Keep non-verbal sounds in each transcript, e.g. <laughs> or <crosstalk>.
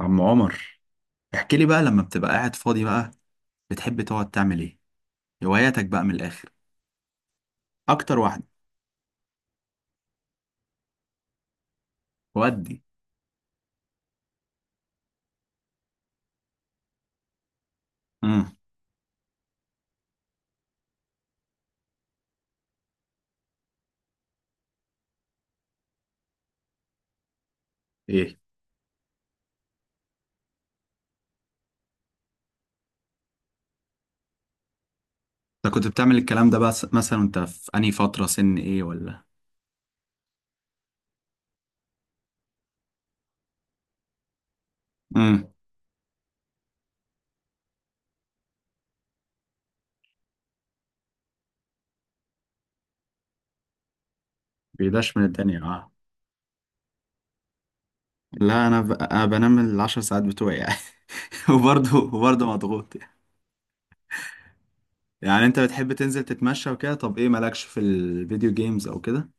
عم عمر، احكي لي بقى لما بتبقى قاعد فاضي بقى بتحب تقعد تعمل ايه؟ هواياتك بقى من الاخر، اكتر واحده. ودي. امم. ايه. انت كنت بتعمل الكلام ده بس مثلا انت في انهي فتره؟ سن ايه ولا؟ امم. بيداش من الدنيا اه. لا، أنا بنام ال10 ساعات بتوعي يعني <laughs> وبرضه مضغوط يعني. يعني انت بتحب تنزل تتمشى وكده، طب ايه مالكش في الفيديو جيمز او كده؟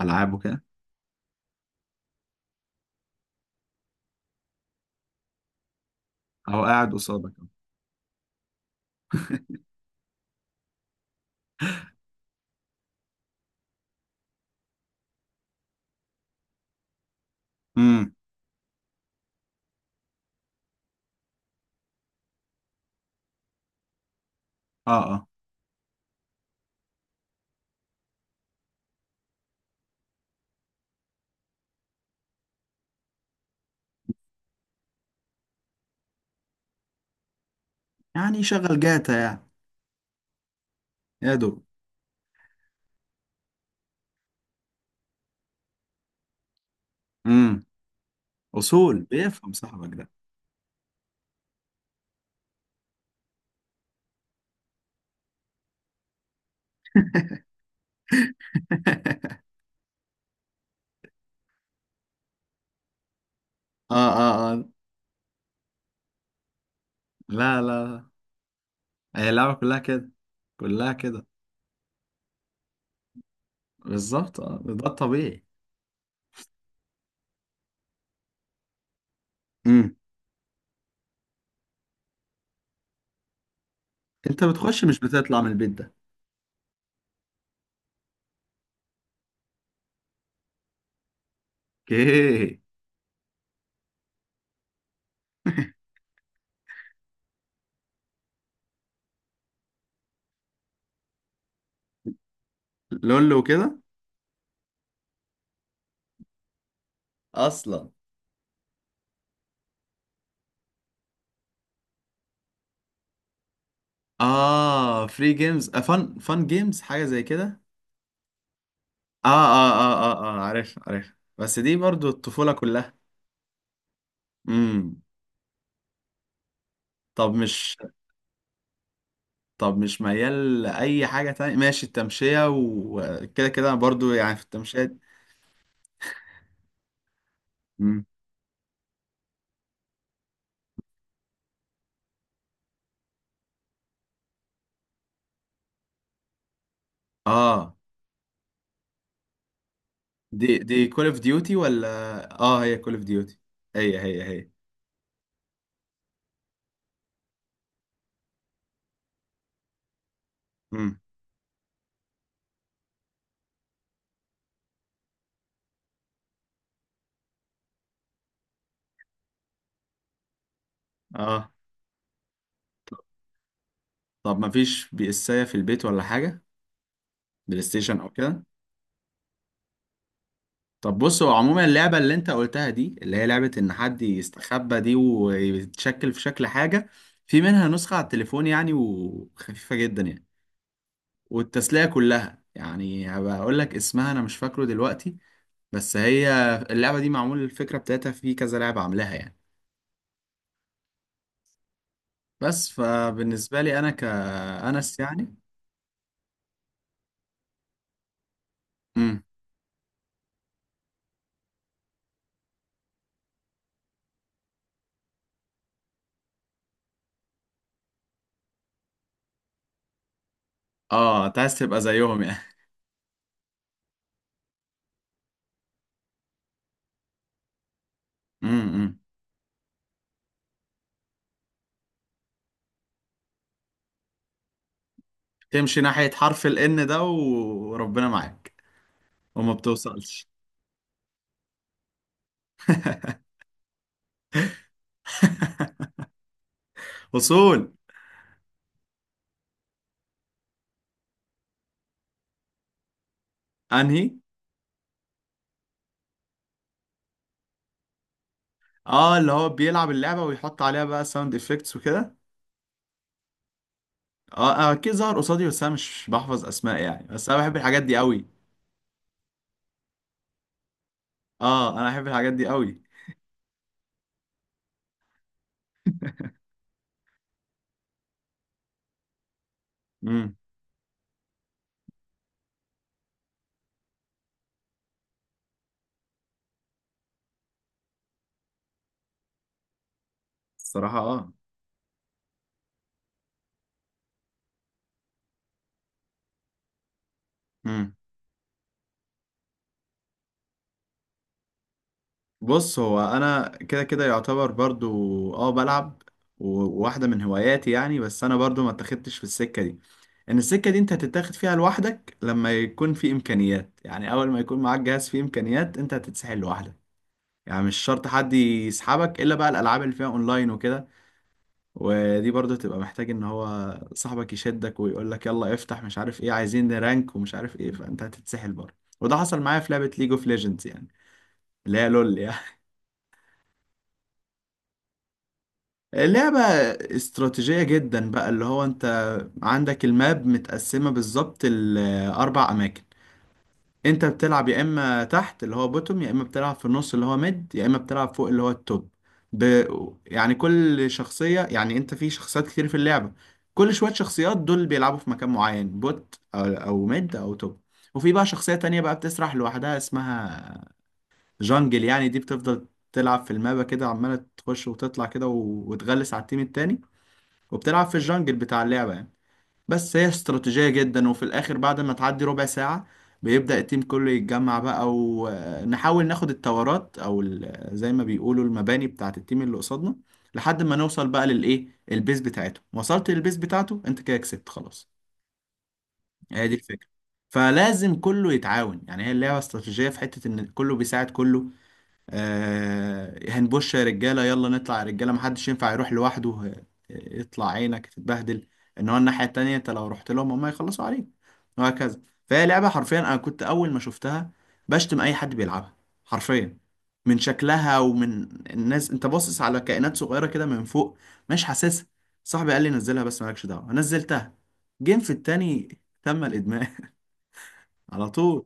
العاب وكده؟ او قاعد قصادك؟ امم. اه اه. يعني شغل جاتا يعني. يا دوب. مم. اصول بيفهم صاحبك ده. <laughs> اه اه اه. لا لا لا. هي اللعبة كلها كده، كلها كده. بالظبط اه، ده الطبيعي. امم. انت بتخش مش بتطلع من البيت ده؟ <laughs> اوكي. لول وكده. اصلا. اه، فري جيمز آه، فن جيمز، حاجة زي كده. اه اه اه اه اه، عارف عارف، بس دي برضو الطفولة كلها. امم. طب مش طب مش ميال لأي حاجة تانية؟ ماشي، التمشية وكده كده برضو يعني، في التمشية. اه. دي كول اوف ديوتي ولا؟ اه هي كول اوف ديوتي. هي. امم. اه. طب ما فيش بي اسايه في البيت ولا حاجه؟ بلاي ستيشن او كده؟ طب بص، هو عموما اللعبه اللي انت قلتها دي اللي هي لعبه ان حد يستخبى دي ويتشكل في شكل حاجه، في منها نسخه على التليفون يعني، وخفيفه جدا يعني، والتسليه كلها. يعني هبقى اقول لك اسمها، انا مش فاكره دلوقتي بس هي اللعبه دي معمول الفكره بتاعتها في كذا لعبه عاملاها يعني، بس فبالنسبة لي أنا كأنس يعني. امم. اه، أنت عايز تبقى زيهم يعني؟ أمم. تمشي ناحية حرف ال N ده وربنا معاك وما بتوصلش. <laughs> وصول. أنهي؟ اه، اللي هو بيلعب اللعبة ويحط عليها بقى ساوند افكتس وكده. اه، آه، أكيد ظهر قصادي بس أنا مش بحفظ أسماء يعني، بس أنا بحب الحاجات دي أوي. اه، أنا بحب الحاجات دي أوي. امم. الصراحة اه. بص، هو انا كده كده يعتبر برضو اه بلعب، و- وواحده من هواياتي يعني، بس انا برضو ما اتخدتش في السكه دي. ان السكه دي انت هتتاخد فيها لوحدك لما يكون في امكانيات، يعني اول ما يكون معاك جهاز فيه امكانيات انت هتتسحل لوحدك. يعني مش شرط حد يسحبك الا بقى الالعاب اللي فيها اونلاين وكده، ودي برضو تبقى محتاج ان هو صاحبك يشدك ويقول لك يلا افتح، مش عارف ايه عايزين رانك ومش عارف ايه، فانت هتتسحل برضه. وده حصل معايا في لعبه ليج اوف ليجندز يعني، اللي هي لول يعني <laughs> لعبة استراتيجية جدا بقى، اللي هو انت عندك الماب متقسمة بالظبط لأربع أماكن. انت بتلعب يا اما تحت اللي هو بوتوم، يا اما بتلعب في النص اللي هو ميد، يا اما بتلعب فوق اللي هو التوب. ب... يعني كل شخصية، يعني انت في شخصيات كتير في اللعبة، كل شوية شخصيات دول بيلعبوا في مكان معين، بوت أو ميد او توب. وفي بقى شخصية تانية بقى بتسرح لوحدها اسمها جانجل، يعني دي بتفضل تلعب في المابا كده عمالة تخش وتطلع كده و... وتغلس على التيم التاني، وبتلعب في الجنجل بتاع اللعبة يعني. بس هي استراتيجية جدا، وفي الآخر بعد ما تعدي ربع ساعة بيبدأ التيم كله يتجمع بقى، ونحاول ناخد التورات أو زي ما بيقولوا المباني بتاعة التيم اللي قصادنا، لحد ما نوصل بقى للإيه، البيز بتاعته. وصلت للبيز بتاعته أنت كده كسبت خلاص. هي دي الفكرة. فلازم كله يتعاون، يعني هي اللعبة استراتيجية في حتة إن كله بيساعد كله. آه، هنبوش يا رجاله، يلا نطلع يا رجاله، محدش ينفع يروح لوحده، آه، يطلع عينك تتبهدل، ان هو الناحيه التانيه انت لو رحت لهم هم يخلصوا عليك. وهكذا. فهي لعبه حرفيا، انا كنت اول ما شفتها بشتم اي حد بيلعبها حرفيا، من شكلها ومن الناس، انت باصص على كائنات صغيره كده من فوق، مش حاسسها. صاحبي قال لي نزلها، بس مالكش دعوه نزلتها، جيم في التاني تم الادمان <laughs> على طول.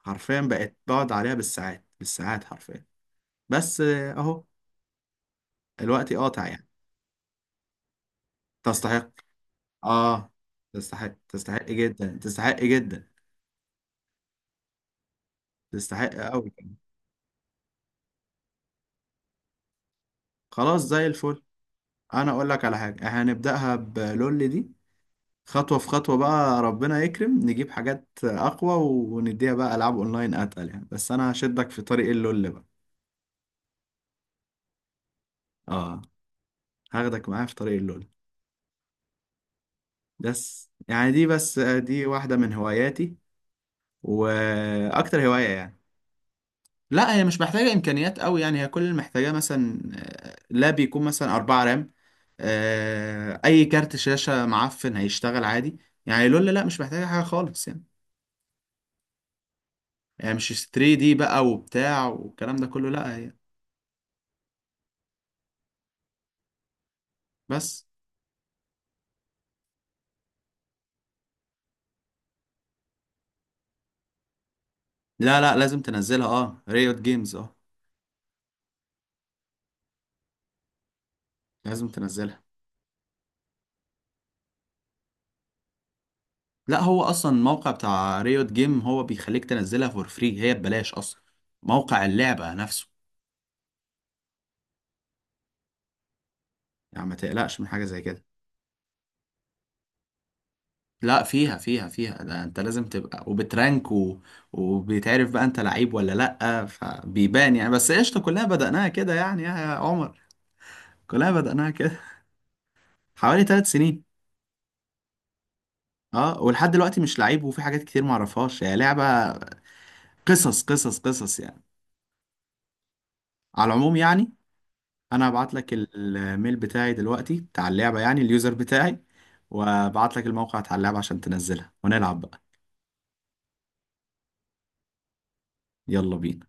حرفيا بقت بقعد عليها بالساعات بالساعات حرفيا. بس آه، اهو، الوقت قاطع يعني. تستحق. اه، تستحق، تستحق جدا، تستحق جدا، تستحق قوي. خلاص زي الفل، انا اقول لك على حاجه، احنا هنبداها بلول دي، خطوه في خطوه بقى، ربنا يكرم نجيب حاجات اقوى ونديها بقى العاب اونلاين اتقل يعني. بس انا هشدك في طريق اللول بقى. اه، هاخدك معايا في طريق اللول، بس يعني دي، بس دي واحده من هواياتي واكتر هوايه يعني. لا، هي مش محتاجة إمكانيات قوي يعني، هي كل اللي محتاجاه مثلا آه، لاب يكون مثلا 4 رام، آه، أي كارت شاشة معفن هيشتغل عادي يعني. لولا لا مش محتاجة حاجة خالص يعني. يعني مش 3D دي بقى وبتاع والكلام ده كله، لا هي بس. لا لا، لازم تنزلها اه، ريوت جيمز اه، لازم تنزلها. لا، هو أصلا الموقع بتاع ريوت جيم هو بيخليك تنزلها فور فري، هي ببلاش أصلا، موقع اللعبة نفسه، يعني ما تقلقش من حاجة زي كده. لا، فيها فيها فيها، ده انت لازم تبقى وبترانك و... وبيتعرف بقى انت لعيب ولا لأ، فبيبان يعني. بس قشطة، كلها بدأناها كده يعني يا عمر. كلها بدأناها كده <laughs> حوالي 3 سنين. اه ولحد دلوقتي مش لعيب، وفي حاجات كتير معرفهاش، هي لعبة قصص قصص قصص يعني. على العموم يعني، انا هبعت لك الميل بتاعي دلوقتي بتاع اللعبة، يعني اليوزر بتاعي، وابعت لك الموقع بتاع اللعبة عشان تنزلها ونلعب بقى. يلا بينا.